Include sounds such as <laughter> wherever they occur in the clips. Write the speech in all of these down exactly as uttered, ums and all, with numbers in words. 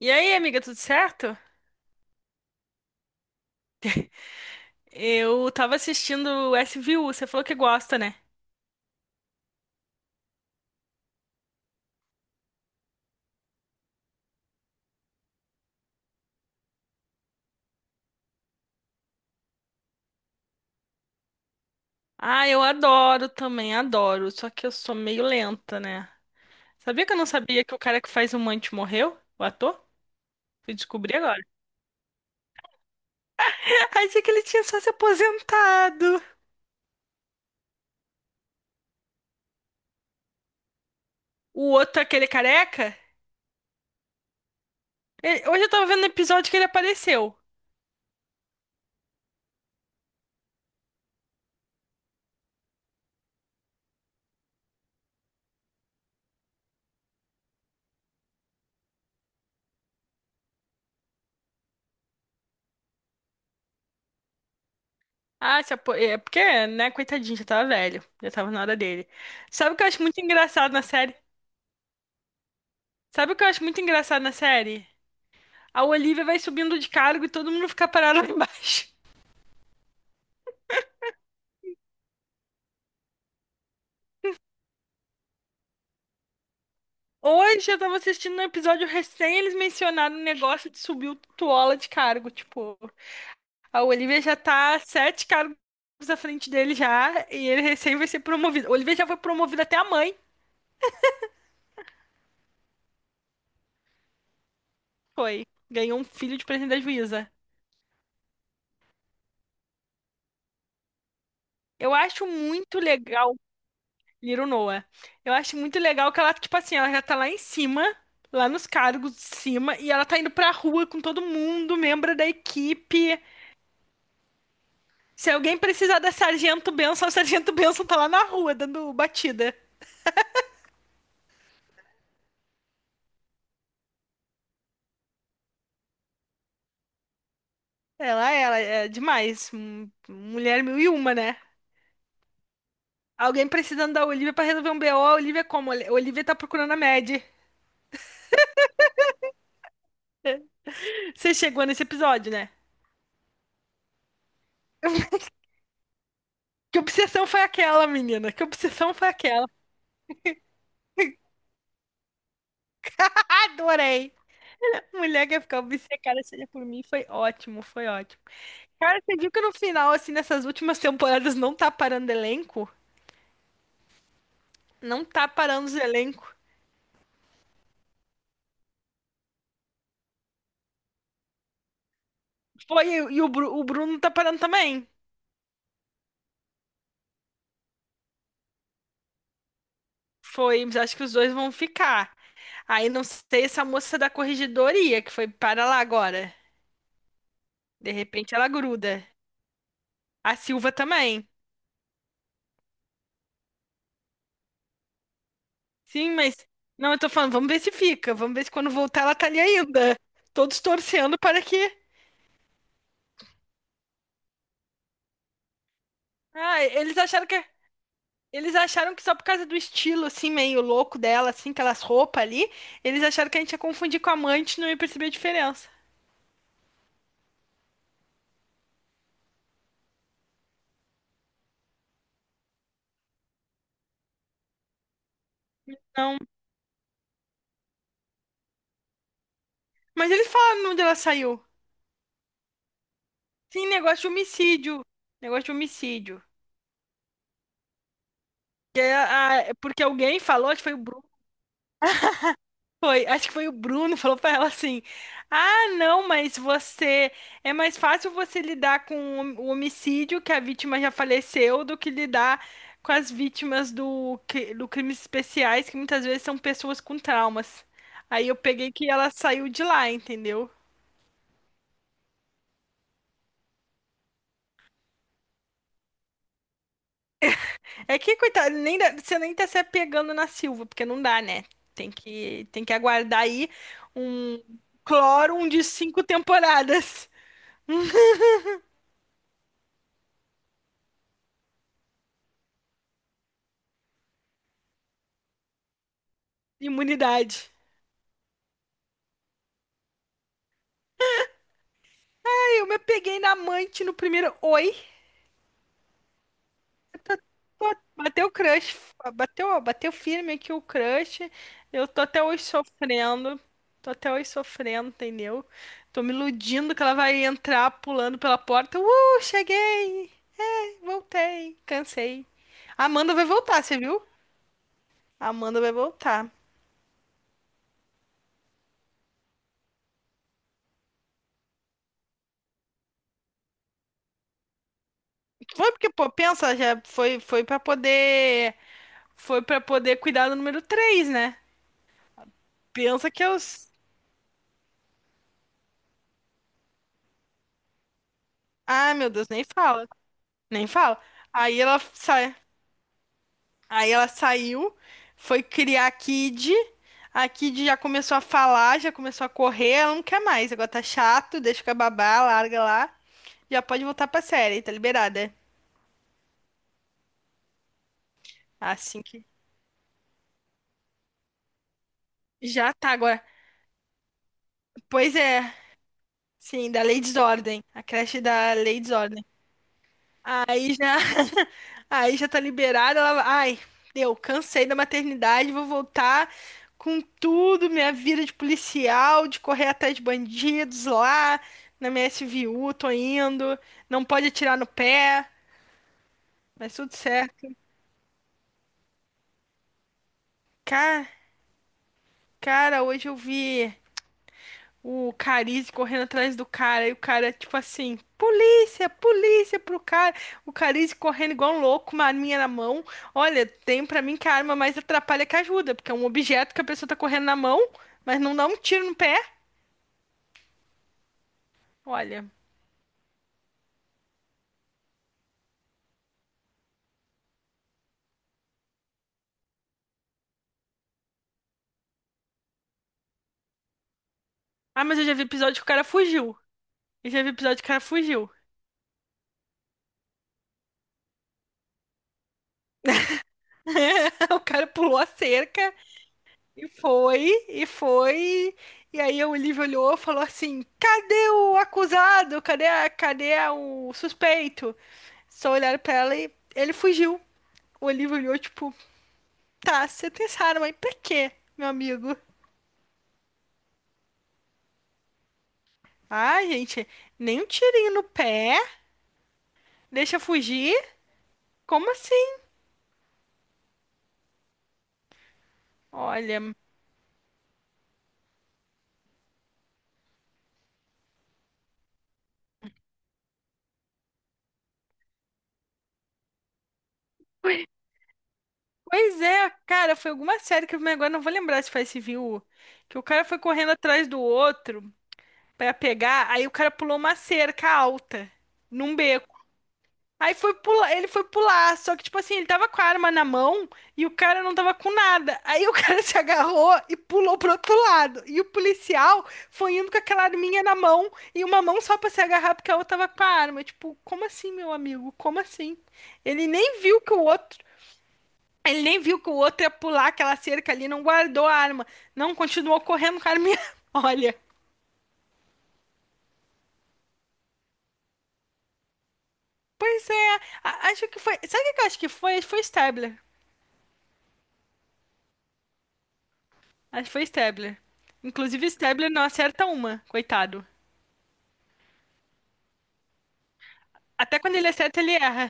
E aí, amiga, tudo certo? <laughs> Eu tava assistindo S V U, você falou que gosta, né? Ah, eu adoro também, adoro. Só que eu sou meio lenta, né? Sabia que eu não sabia que o cara que faz o Mandy morreu? O ator? Fui descobrir agora. <laughs> Achei que ele tinha só se aposentado. O outro, aquele careca? Ele- hoje eu tava vendo o episódio que ele apareceu. Ah, se apo... é porque, né, coitadinho, já tava velho. Já tava na hora dele. Sabe o que eu acho muito engraçado na série? Sabe o que eu acho muito engraçado na série? A Olivia vai subindo de cargo e todo mundo fica parado lá embaixo. Hoje eu tava assistindo um episódio recém, eles mencionaram o negócio de subir o Tuola de cargo. Tipo, a Olivia já tá sete cargos à frente dele já, e ele recém vai ser promovido. A Olivia já foi promovida até a mãe, foi. Ganhou um filho de presente da juíza. Eu acho muito legal Little Noah. Eu acho muito legal que ela, tipo assim, ela já tá lá em cima, lá nos cargos de cima, e ela tá indo pra rua com todo mundo, membro da equipe. Se alguém precisar da Sargento Benção, a Sargento Benção tá lá na rua dando batida. Ela, ela, é demais. Hum, Mulher mil e uma, né? Alguém precisando da Olivia pra resolver um B O, a Olivia é como? A Olivia tá procurando a Mad. Você chegou nesse episódio, né? Que obsessão foi aquela, menina? Que obsessão foi aquela? Adorei! Mulher que ia ficar obcecada seja por mim, foi ótimo, foi ótimo. Cara, você viu que no final, assim, nessas últimas temporadas, não tá parando elenco? Não tá parando os elencos. Foi, e o, Bru- o Bruno tá parando também. Foi, mas acho que os dois vão ficar. Aí não sei essa moça da corregedoria que foi para lá agora. De repente ela gruda. A Silva também. Sim, mas. Não, eu tô falando, vamos ver se fica. Vamos ver se quando voltar ela tá ali ainda. Todos torcendo para que. Ah, eles acharam que. Eles acharam que só por causa do estilo, assim, meio louco dela, assim, aquelas roupas ali, eles acharam que a gente ia confundir com a amante e não ia perceber a diferença. Não. Mas eles falaram onde ela saiu. Sim, negócio de homicídio. Negócio de homicídio. Que é a- é, porque alguém falou, acho que foi o Bruno, foi, acho que foi o Bruno, falou pra ela assim: ah, não, mas você é mais fácil você lidar com o homicídio que a vítima já faleceu do que lidar com as vítimas do, cri- do crimes especiais, que muitas vezes são pessoas com traumas. Aí eu peguei que ela saiu de lá, entendeu? É que, coitado, nem dá- você nem tá se apegando na Silva, porque não dá, né? Tem que, tem que aguardar aí um Clórum de cinco temporadas. Imunidade. Aí eu me peguei na amante no primeiro oi. Eu tô- tô- Bateu o crush. Bateu, bateu firme aqui o crush. Eu tô até hoje sofrendo. Tô até hoje sofrendo, entendeu? Tô me iludindo que ela vai entrar pulando pela porta. Uh, cheguei! Voltei. Cansei. A Amanda vai voltar, você viu? A Amanda vai voltar. Foi porque, pô, pensa, já foi, foi para poder. Foi pra poder cuidar do número três, né? Pensa que eu ah, meu Deus, nem fala, nem fala. Aí ela sai, aí ela saiu, foi criar a Kid. A Kid já começou a falar, já começou a correr, ela não quer mais. Agora tá chato, deixa com a babá, larga lá. Já pode voltar pra série, tá liberada. Assim que já tá agora. Pois é, sim, da Lei Desordem, a creche da Lei Desordem. Aí já, <laughs> aí já tá liberada. Ela, ai, deu, cansei da maternidade, vou voltar com tudo, minha vida de policial, de correr atrás de bandidos lá na minha S V U, tô indo. Não pode atirar no pé, mas tudo certo. Cara, cara, hoje eu vi. O Carize correndo atrás do cara, e o cara, tipo assim, polícia, polícia pro cara. O Carize correndo igual um louco, uma arminha na mão. Olha, tem pra mim que a arma mais atrapalha que ajuda, porque é um objeto que a pessoa tá correndo na mão, mas não dá um tiro no pé. Olha. Ah, mas eu já vi episódio que o cara fugiu. Eu já vi episódio que o cara fugiu. <laughs> O cara pulou a cerca e foi, e foi. E aí o Olivia olhou e falou assim: cadê o acusado? Cadê, a, cadê a- o suspeito? Só olharam pra ela e ele fugiu. O Olívio olhou, tipo, tá, você tem essa arma aí pra quê, meu amigo? Ah, gente, nem um tirinho no pé, deixa fugir? Como assim? Olha, pois é, cara, foi alguma série que eu agora não vou lembrar se foi Civil, que o cara foi correndo atrás do outro pra pegar, aí o cara pulou uma cerca alta num beco. Aí foi pular, ele foi pular, só que tipo assim, ele tava com a arma na mão e o cara não tava com nada. Aí o cara <laughs> se agarrou e pulou pro outro lado. E o policial foi indo com aquela arminha na mão e uma mão só pra se agarrar porque a outra tava com a arma. Tipo, como assim, meu amigo? Como assim? Ele nem viu que o outro, ele nem viu que o outro ia pular aquela cerca ali, não guardou a arma. Não, continuou correndo com a arminha. <laughs> Olha, pois é, a- acho que foi, sabe o que eu acho que foi? Foi Stabler. Acho que foi Stabler. Inclusive, Stabler não acerta uma, coitado. Até quando ele acerta, ele erra.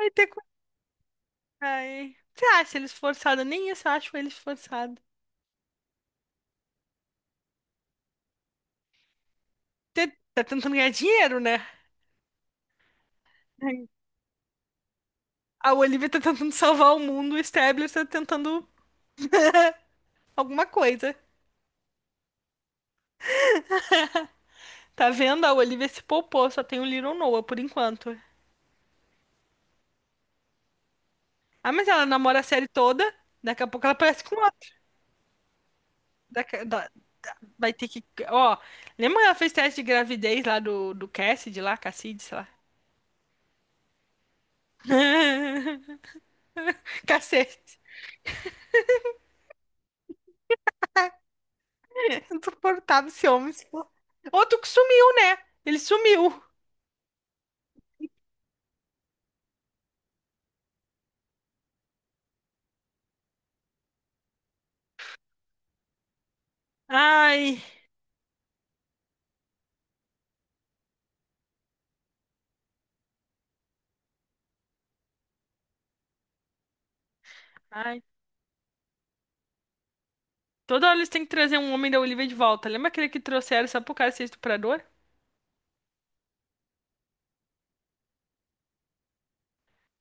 Ai, tem co- Ai. Você acha ele esforçado? Nem isso eu acho ele esforçado. Você tá tentando ganhar dinheiro, né? Ai. A Olivia tá tentando salvar o mundo, o Stabler tá tentando alguma coisa. Tá vendo? A Olivia se poupou, só tem o Little Noah por enquanto. Ah, mas ela namora a série toda, daqui a pouco ela aparece com outro. Daqui- da- vai ter que. Ó, lembra que ela fez teste de gravidez lá do, do Cassidy, lá, Cassidy, sei lá. <laughs> Cacete. <laughs> Insuportável esse homem. esse po- Outro que sumiu, né? Ele sumiu. Ai, ai. Toda hora eles têm que trazer um homem da Olivia de volta. Lembra aquele que trouxeram só pro cara ser estuprador?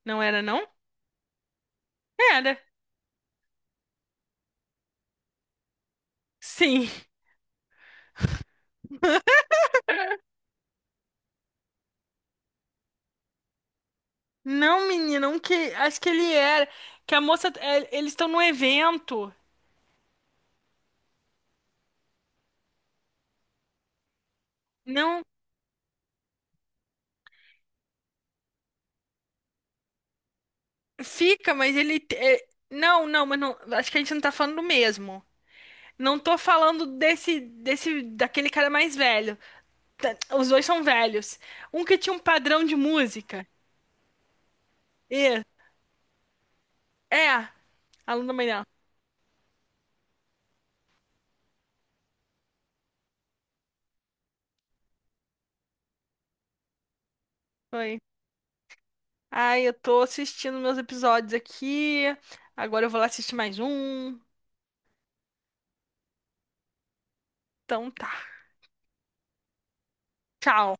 Não era, não? Era. Sim. Não, menina, um que. Acho que ele era. Que a moça. É, eles estão num evento. Não. Fica, mas ele. É, não, não, mas não. Acho que a gente não tá falando do mesmo. Não tô falando desse, desse, daquele cara mais velho. Tá, os dois são velhos. Um que tinha um padrão de música. E é, aluno melhor. Foi. Ai, eu tô assistindo meus episódios aqui. Agora eu vou lá assistir mais um. Então tá. Tchau.